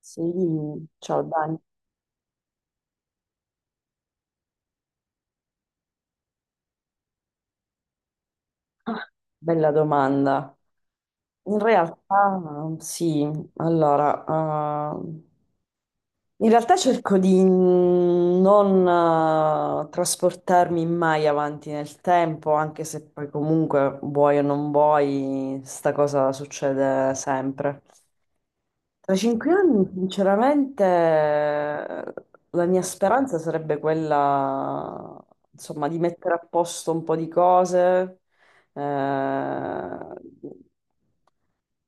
Sì, ciao Dani, bella domanda. In realtà sì, allora, in realtà cerco di non trasportarmi mai avanti nel tempo, anche se poi comunque vuoi o non vuoi, sta cosa succede sempre. Tra 5 anni, sinceramente, la mia speranza sarebbe quella, insomma, di mettere a posto un po' di cose, eh,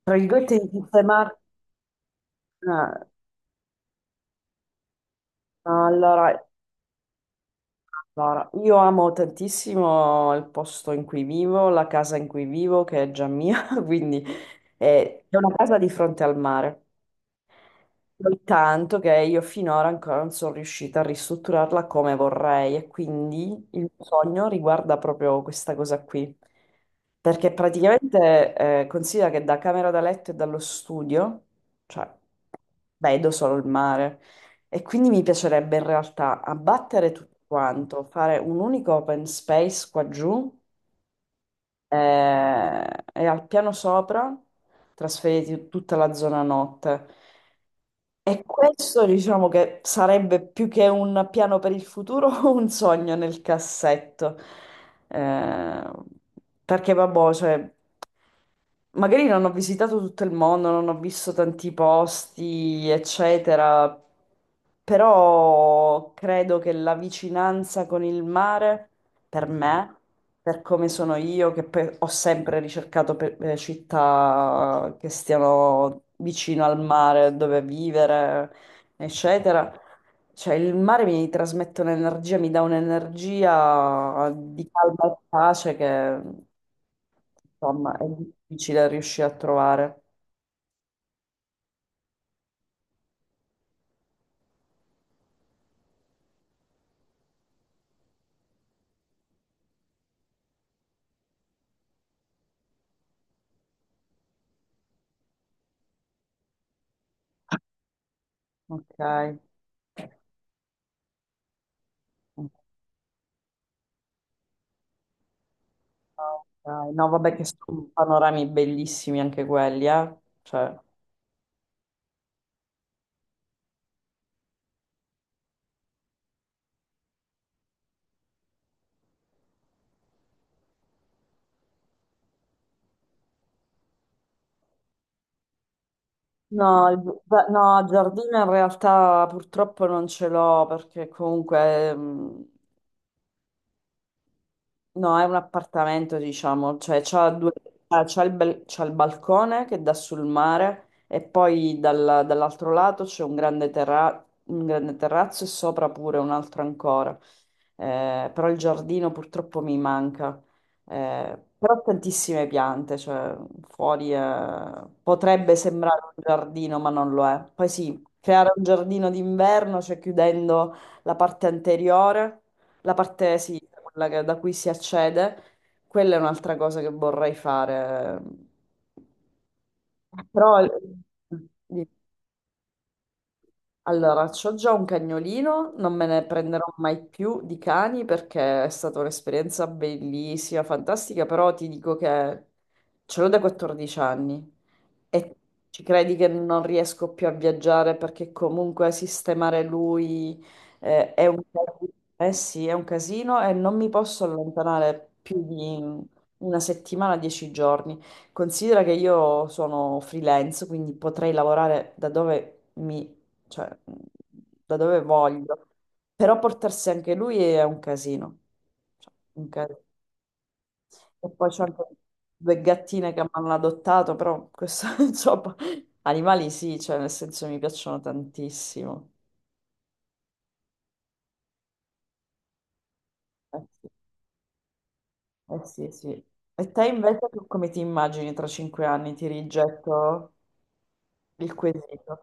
tra virgolette, di sistemare. eh, Allora, allora, io amo tantissimo il posto in cui vivo, la casa in cui vivo, che è già mia, quindi è una casa di fronte al mare. Soltanto che io finora ancora non sono riuscita a ristrutturarla come vorrei e quindi il mio sogno riguarda proprio questa cosa qui. Perché praticamente considera che da camera da letto e dallo studio, cioè, vedo solo il mare. E quindi mi piacerebbe in realtà abbattere tutto quanto, fare un unico open space qua giù eh, e al piano sopra trasferire tutta la zona notte. E questo diciamo che sarebbe più che un piano per il futuro, un sogno nel cassetto. Eh, perché vabbè, cioè, magari non ho visitato tutto il mondo, non ho visto tanti posti, eccetera, però credo che la vicinanza con il mare, per me, per come sono io, che poi ho sempre ricercato città che stiano vicino al mare, dove vivere, eccetera. Cioè, il mare mi trasmette un'energia, mi dà un'energia di calma e pace che insomma, è difficile riuscire a trovare. Ok. Ok. No, vabbè che sono panorami bellissimi anche quelli, eh. Cioè, no, beh, no, il giardino in realtà purtroppo non ce l'ho perché comunque. No, è un appartamento, diciamo, cioè c'ha due, ah, c'ha il balcone che dà sul mare e poi dall'altro lato c'è un grande terrazzo e sopra pure un altro ancora. Però il giardino purtroppo mi manca. Però ho tantissime piante, cioè fuori potrebbe sembrare un giardino, ma non lo è. Poi sì, creare un giardino d'inverno, cioè chiudendo la parte anteriore. La parte sinistra, quella da cui si accede, quella è un'altra cosa che vorrei fare. Però. Dimmi. Allora, c'ho già un cagnolino, non me ne prenderò mai più di cani perché è stata un'esperienza bellissima, fantastica, però ti dico che ce l'ho da 14 anni e ci credi che non riesco più a viaggiare perché comunque sistemare lui è un casino, eh sì, è un casino e non mi posso allontanare più di una settimana, 10 giorni. Considera che io sono freelance, quindi potrei lavorare mi cioè mh, da dove voglio. Però portarsi anche lui è un casino. Cioè, un casino. E poi c'ho anche due gattine che mi hanno adottato, però questo, insomma, animali sì, cioè nel senso mi piacciono tantissimo. Eh sì, eh sì. Sì. E te invece tu come ti immagini tra 5 anni? Ti rigetto il quesito,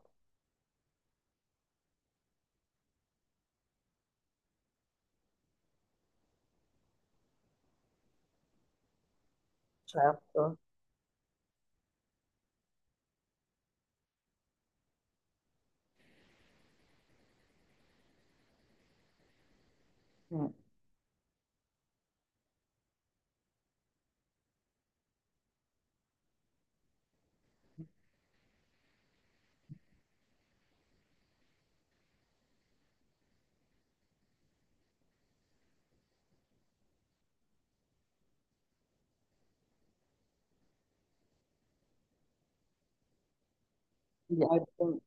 certo. Mm. Yeah, I think-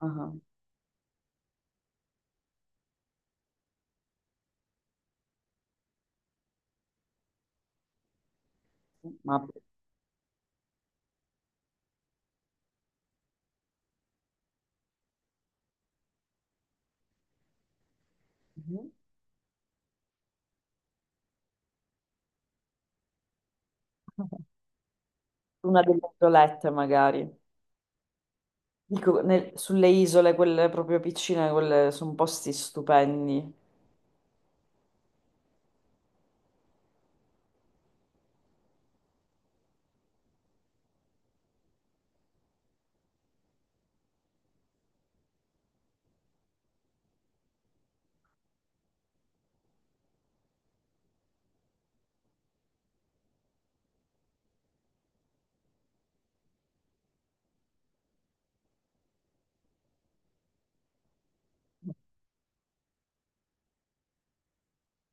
ah, ah. Ma- Mhm. Una delle violette magari. Dico, sulle isole, quelle proprio piccine, quelle sono posti stupendi.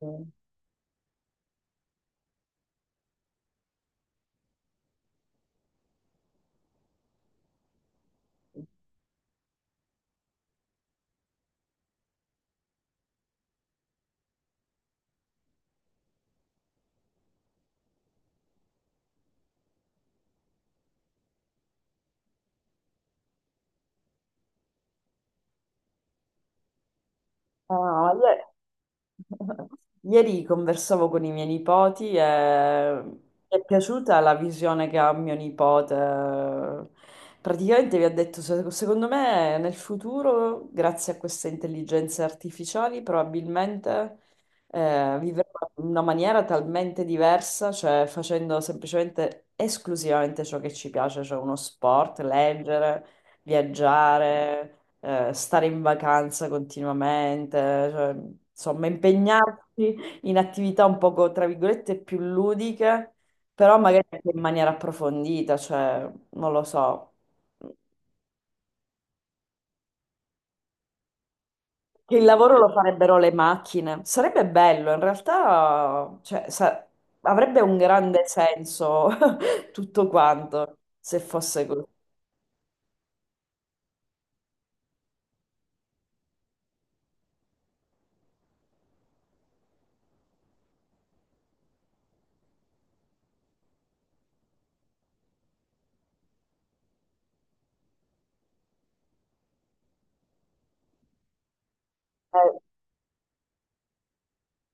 Mm. Ah, Ieri conversavo con i miei nipoti e mi è piaciuta la visione che ha mio nipote. Praticamente mi ha detto, Secondo me nel futuro, grazie a queste intelligenze artificiali, probabilmente vivremo in una maniera talmente diversa, cioè facendo semplicemente esclusivamente ciò che ci piace, cioè uno sport, leggere, viaggiare stare in vacanza continuamente, cioè, insomma, impegnarsi in attività un poco, tra virgolette, più ludiche, però magari anche in maniera approfondita, cioè, non lo so. Che il lavoro lo farebbero le macchine. Sarebbe bello, in realtà, cioè, avrebbe un grande senso tutto quanto se fosse così. Eh,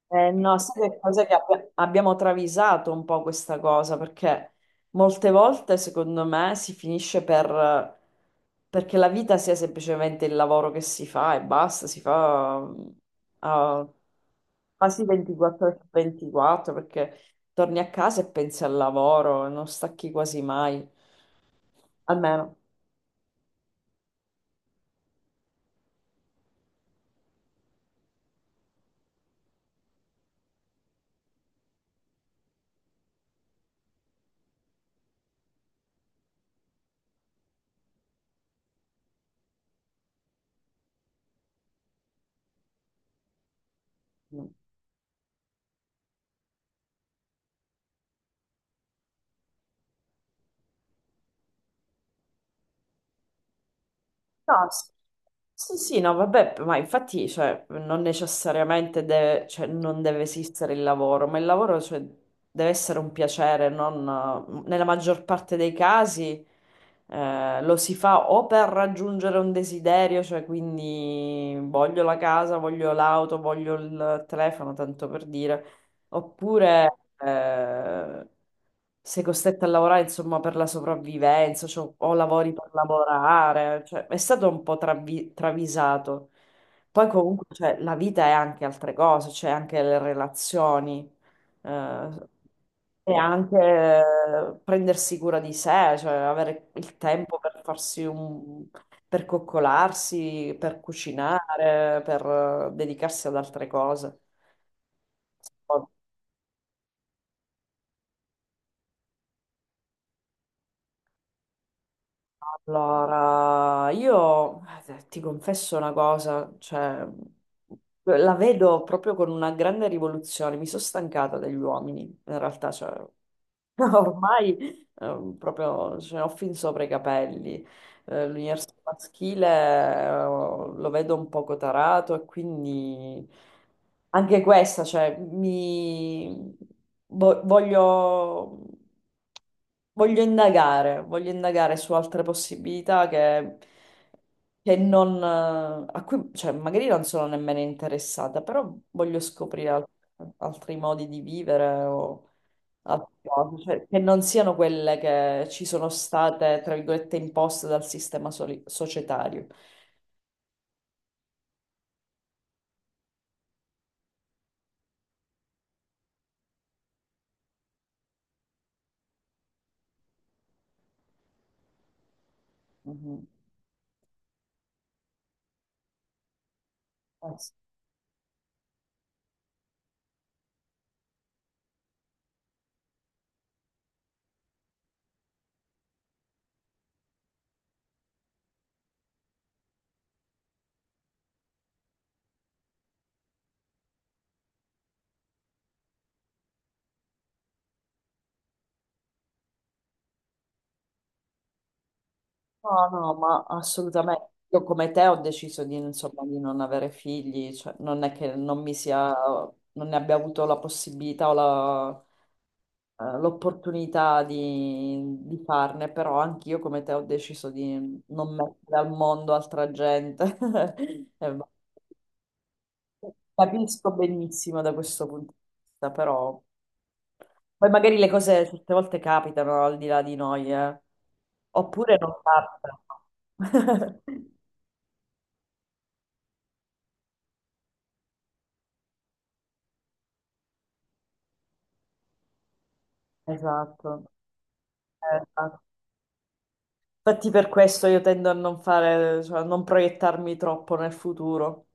no, sai che cosa che abbiamo travisato un po' questa cosa, perché molte volte, secondo me, si finisce per, perché la vita sia semplicemente il lavoro che si fa e basta, si fa a quasi 24 ore su 24, perché torni a casa e pensi al lavoro, non stacchi quasi mai, almeno. Mm. No, sì, sì, no, vabbè, ma infatti, cioè, non necessariamente deve, cioè, non deve esistere il lavoro, ma il lavoro, cioè, deve essere un piacere, non, nella maggior parte dei casi, lo si fa o per raggiungere un desiderio, cioè, quindi voglio la casa, voglio l'auto, voglio il telefono, tanto per dire. Oppure sei costretta a lavorare, insomma, per la sopravvivenza, cioè, o lavori per lavorare, cioè, è stato un po' travisato. Poi comunque, cioè, la vita è anche altre cose, c'è anche le relazioni, eh, e anche prendersi cura di sé, cioè avere il tempo per farsi un, per coccolarsi, per cucinare, per dedicarsi ad altre cose. Allora, io ti confesso una cosa, cioè, la vedo proprio con una grande rivoluzione. Mi sono stancata degli uomini, in realtà, cioè, ormai proprio ce ne ho fin sopra i capelli. L'universo maschile lo vedo un poco tarato e quindi anche questa, cioè, mi vo- voglio, voglio indagare su altre possibilità che non, a cui, cioè, magari non sono nemmeno interessata, però voglio scoprire altri modi di vivere o a proposito, cioè, che non siano quelle che ci sono state, tra virgolette, imposte dal sistema societario. Mhm. Eh sì. No, no, ma assolutamente. Io come te ho deciso di, insomma, di non avere figli, cioè, non è che non mi sia, non ne abbia avuto la possibilità o l'opportunità di farne, però anch'io come te ho deciso di non mettere al mondo altra gente. E capisco benissimo da questo punto di vista, però poi magari le cose certe volte capitano al di là di noi, eh. Oppure non capitano. Esatto, esatto. Infatti per questo io tendo a non fare, cioè a non proiettarmi troppo nel futuro.